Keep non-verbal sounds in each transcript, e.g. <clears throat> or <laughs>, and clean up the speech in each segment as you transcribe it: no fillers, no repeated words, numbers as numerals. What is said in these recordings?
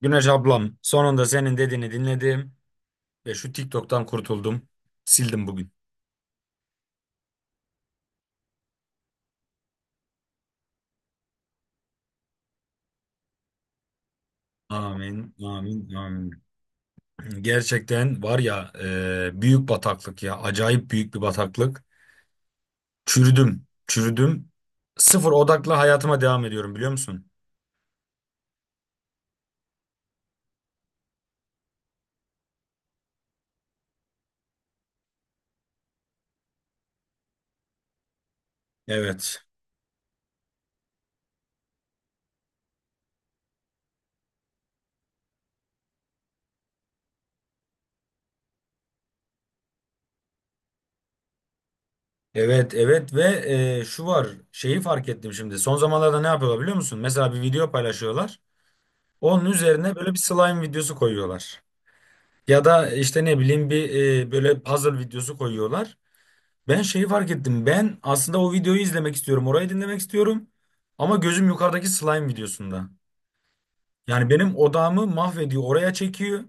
Güneş ablam, sonunda senin dediğini dinledim ve şu TikTok'tan kurtuldum. Sildim bugün. Amin, amin, amin. Gerçekten var ya, büyük bataklık ya. Acayip büyük bir bataklık. Çürüdüm, çürüdüm. Sıfır odaklı hayatıma devam ediyorum, biliyor musun? Evet. Evet, evet ve şu var. Şeyi fark ettim şimdi. Son zamanlarda ne yapıyorlar, biliyor musun? Mesela bir video paylaşıyorlar. Onun üzerine böyle bir slime videosu koyuyorlar. Ya da işte ne bileyim, bir böyle puzzle videosu koyuyorlar. Ben şeyi fark ettim. Ben aslında o videoyu izlemek istiyorum. Orayı dinlemek istiyorum. Ama gözüm yukarıdaki slime videosunda. Yani benim odağımı mahvediyor. Oraya çekiyor.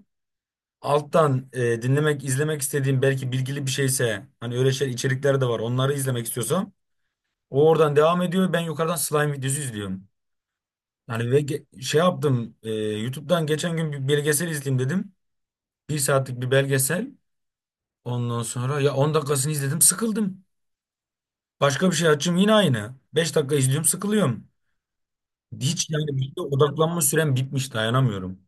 Alttan dinlemek, izlemek istediğim belki bilgili bir şeyse, hani öyle şey içerikler de var. Onları izlemek istiyorsam o oradan devam ediyor. Ben yukarıdan slime videosu izliyorum. Yani ve şey yaptım. YouTube'dan geçen gün bir belgesel izleyeyim dedim. Bir saatlik bir belgesel. Ondan sonra ya 10 dakikasını izledim, sıkıldım. Başka bir şey açayım, yine aynı. Beş dakika izliyorum, sıkılıyorum. Hiç yani bir şeye odaklanma sürem bitmiş, dayanamıyorum.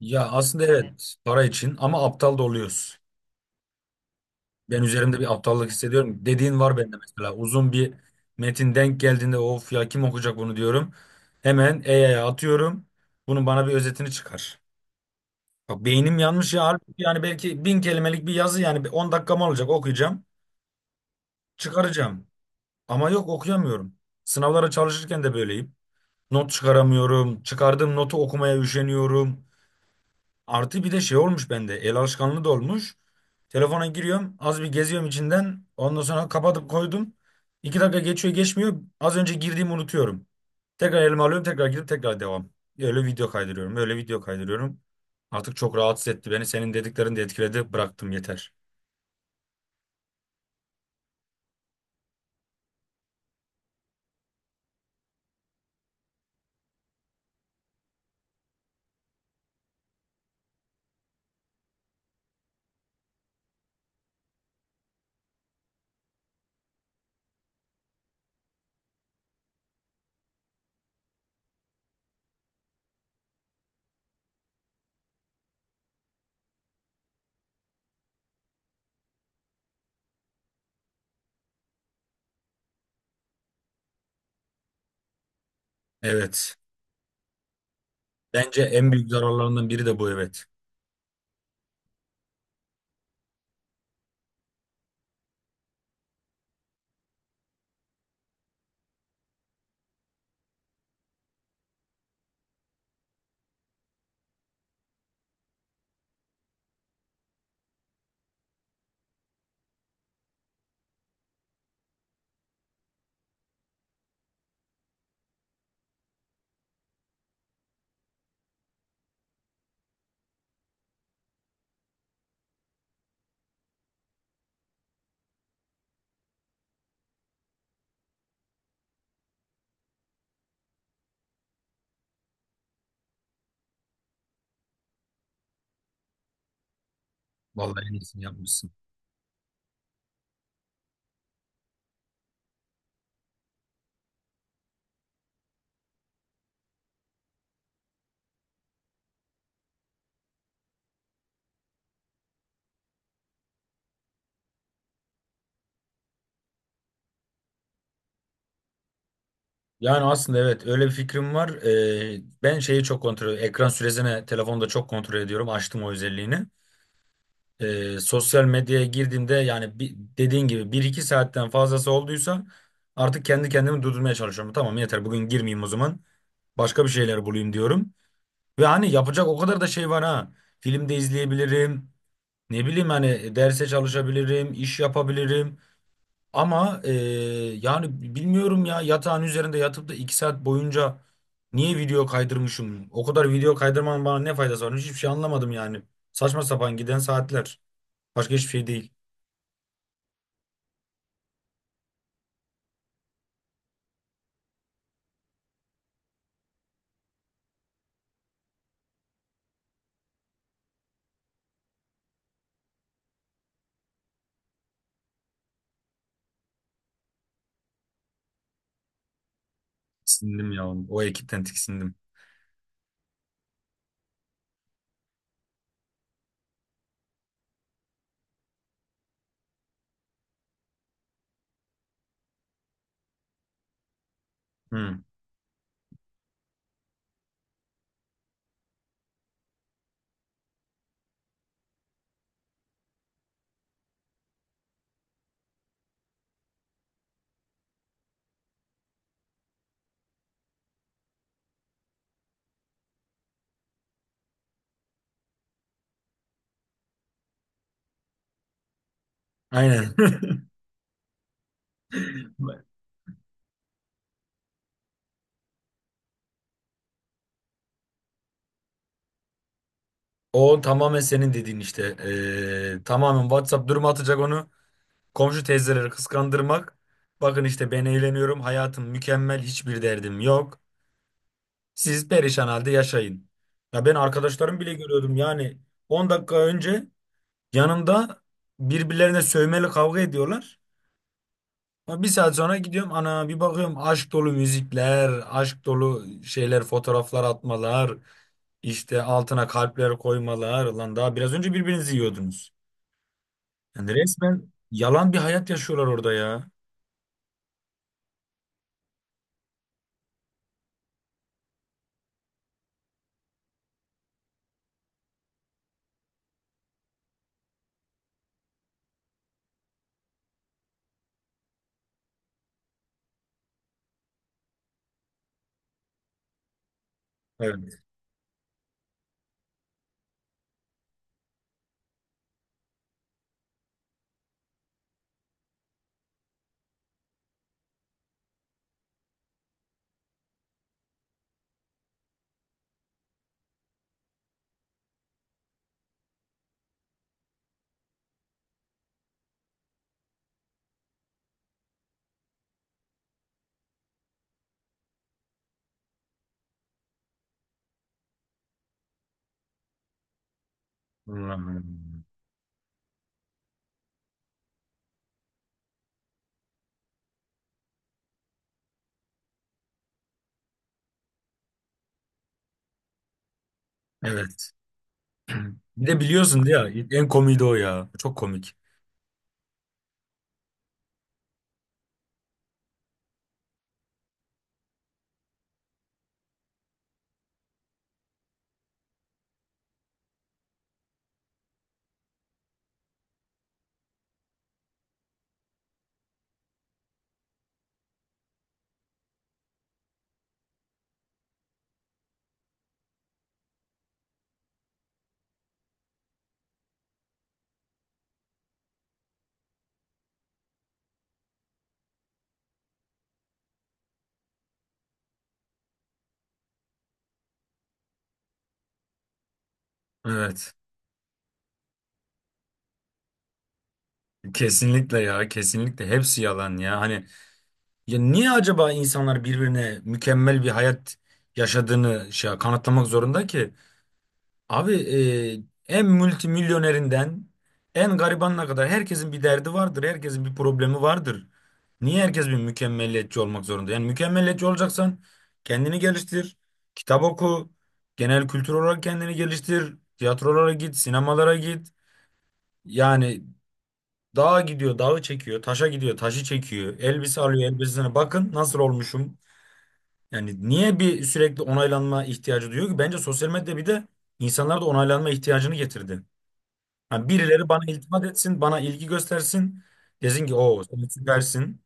Ya aslında, evet. Evet, para için ama aptal da oluyoruz. Ben üzerimde bir aptallık hissediyorum. Dediğin var bende, mesela uzun bir metin denk geldiğinde of ya, kim okuyacak bunu diyorum. Hemen AI'ya atıyorum. Bunun bana bir özetini çıkar. Bak beynim yanmış ya. Halbuki yani belki 1000 kelimelik bir yazı, yani bir 10 dakikam olacak, okuyacağım. Çıkaracağım. Ama yok, okuyamıyorum. Sınavlara çalışırken de böyleyim. Not çıkaramıyorum. Çıkardığım notu okumaya üşeniyorum. Artı bir de şey olmuş bende. El alışkanlığı da olmuş. Telefona giriyorum. Az bir geziyorum içinden. Ondan sonra kapatıp koydum. 2 dakika geçiyor geçmiyor. Az önce girdiğimi unutuyorum. Tekrar elime alıyorum. Tekrar girip tekrar devam. Öyle video kaydırıyorum. Öyle video kaydırıyorum. Artık çok rahatsız etti beni. Senin dediklerin de etkiledi. Bıraktım, yeter. Evet. Bence en büyük zararlarından biri de bu, evet. Vallahi en iyisini yapmışsın. Yani aslında evet, öyle bir fikrim var. Ben şeyi çok kontrol, ekran süresini telefonda çok kontrol ediyorum. Açtım o özelliğini. Sosyal medyaya girdiğimde, yani bir, dediğin gibi bir iki saatten fazlası olduysa, artık kendi kendimi durdurmaya çalışıyorum. Tamam, yeter, bugün girmeyeyim o zaman. Başka bir şeyler bulayım diyorum. Ve hani yapacak o kadar da şey var ha. Film de izleyebilirim. Ne bileyim, hani derse çalışabilirim, iş yapabilirim. Ama yani bilmiyorum ya, yatağın üzerinde yatıp da 2 saat boyunca niye video kaydırmışım? O kadar video kaydırmanın bana ne faydası var? Hiçbir şey anlamadım yani. Saçma sapan giden saatler. Başka hiçbir şey değil. Tiksindim ya. O ekipten tiksindim. Hı. Aynen. <laughs> O tamamen senin dediğin işte. Tamamen WhatsApp durumu atacak onu. Komşu teyzeleri kıskandırmak. Bakın işte ben eğleniyorum. Hayatım mükemmel. Hiçbir derdim yok. Siz perişan halde yaşayın. Ya, ben arkadaşlarım bile görüyordum yani, 10 dakika önce yanımda birbirlerine sövmeli kavga ediyorlar. Ama bir saat sonra gidiyorum, ana bir bakıyorum, aşk dolu müzikler, aşk dolu şeyler, fotoğraflar atmalar, işte altına kalpler koymalar. Lan, daha biraz önce birbirinizi yiyordunuz. Yani resmen yalan bir hayat yaşıyorlar orada ya. Evet. Hmm. Evet. <clears throat> Bir de biliyorsun ya, en komiği de o ya. Çok komik. Evet. Kesinlikle ya, kesinlikle hepsi yalan ya, hani ya niye acaba insanlar birbirine mükemmel bir hayat yaşadığını şey kanıtlamak zorunda ki abi? En multimilyonerinden en garibanına kadar herkesin bir derdi vardır, herkesin bir problemi vardır. Niye herkes bir mükemmeliyetçi olmak zorunda? Yani mükemmeliyetçi olacaksan, kendini geliştir, kitap oku, genel kültür olarak kendini geliştir, tiyatrolara git, sinemalara git. Yani dağa gidiyor, dağı çekiyor. Taşa gidiyor, taşı çekiyor. Elbise alıyor, elbisesine bakın nasıl olmuşum. Yani niye bir sürekli onaylanma ihtiyacı duyuyor ki? Bence sosyal medya bir de insanlarda onaylanma ihtiyacını getirdi. Yani birileri bana iltifat etsin, bana ilgi göstersin. Desin ki o, sen süpersin.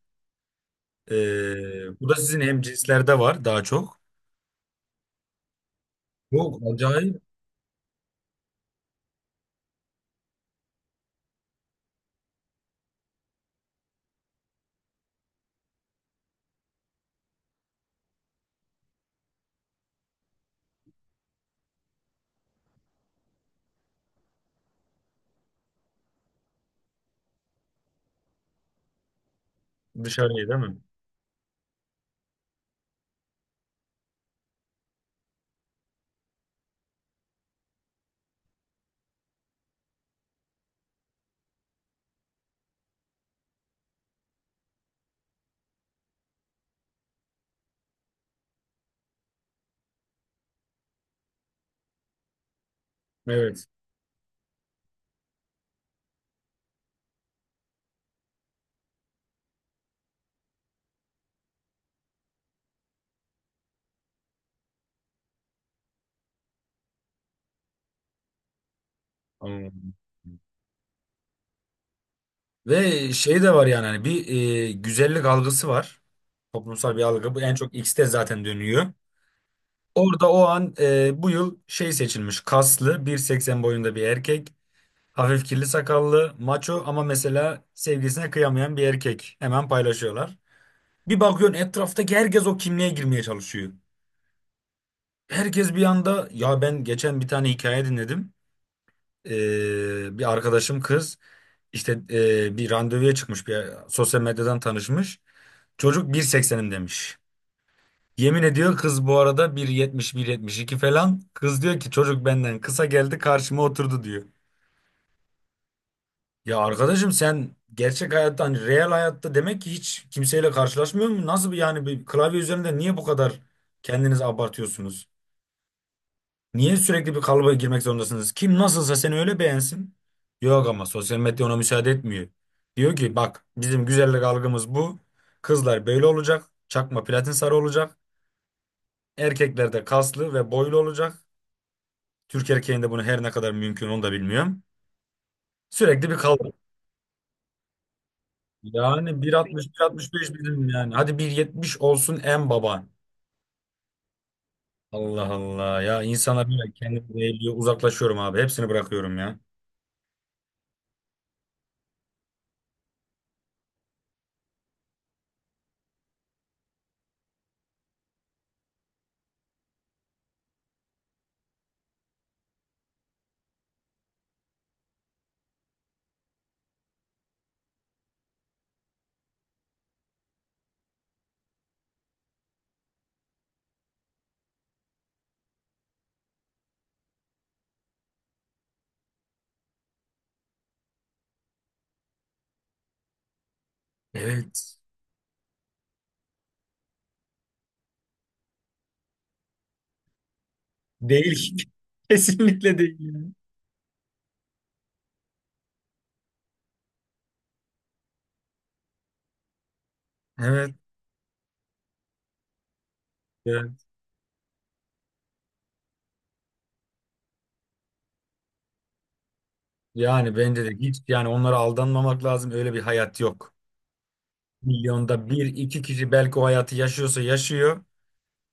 Bu da sizin hemcinslerde var daha çok. Bu acayip dışarıya, değil mi? Evet. Anladım. Ve şey de var yani, hani bir güzellik algısı var. Toplumsal bir algı. Bu en çok X'te zaten dönüyor. Orada o an bu yıl şey seçilmiş. Kaslı, 1.80 boyunda bir erkek. Hafif kirli sakallı, maço ama mesela sevgilisine kıyamayan bir erkek. Hemen paylaşıyorlar. Bir bakıyorsun etraftaki herkes o kimliğe girmeye çalışıyor. Herkes bir anda, ya ben geçen bir tane hikaye dinledim. Bir arkadaşım kız işte bir randevuya çıkmış, bir sosyal medyadan tanışmış. Çocuk 1.80'im demiş. Yemin ediyor kız bu arada, 171 iki falan. Kız diyor ki çocuk benden kısa geldi, karşıma oturdu diyor. Ya arkadaşım, sen gerçek hayatta, hani real hayatta demek ki hiç kimseyle karşılaşmıyor mu? Nasıl bir yani, bir klavye üzerinde niye bu kadar kendinizi abartıyorsunuz? Niye sürekli bir kalıba girmek zorundasınız? Kim nasılsa seni öyle beğensin. Yok ama sosyal medya ona müsaade etmiyor. Diyor ki bak, bizim güzellik algımız bu. Kızlar böyle olacak. Çakma platin sarı olacak. Erkekler de kaslı ve boylu olacak. Türk erkeğinde bunu her ne kadar mümkün, onu da bilmiyorum. Sürekli bir kavga. Yani 1.60 1.65 bizim yani. Hadi 1.70 olsun en baban. Allah Allah ya, insana böyle kendimi değiliyor. Uzaklaşıyorum abi. Hepsini bırakıyorum ya. Evet. Değil. <laughs> Kesinlikle değil. Yani. Evet. Evet. Yani bence de hiç yani onlara aldanmamak lazım. Öyle bir hayat yok. Milyonda bir iki kişi belki o hayatı yaşıyorsa yaşıyor.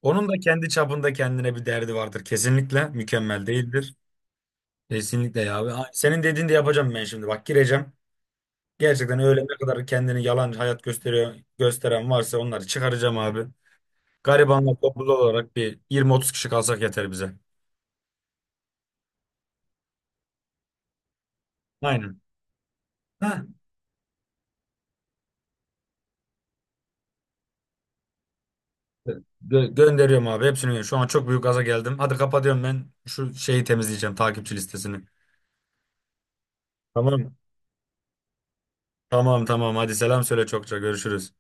Onun da kendi çapında kendine bir derdi vardır. Kesinlikle mükemmel değildir. Kesinlikle ya, abi. Ay, senin dediğini de yapacağım ben şimdi. Bak gireceğim. Gerçekten öyle, ne kadar kendini yalan hayat gösteriyor, gösteren varsa, onları çıkaracağım abi. Garibanla topluluğu olarak bir 20-30 kişi kalsak yeter bize. Aynen. Heh. Gönderiyorum abi hepsini. Gönderiyorum. Şu an çok büyük gaza geldim. Hadi kapatıyorum ben, şu şeyi temizleyeceğim, takipçi listesini. Tamam. Tamam, tamam, hadi selam söyle, çokça görüşürüz.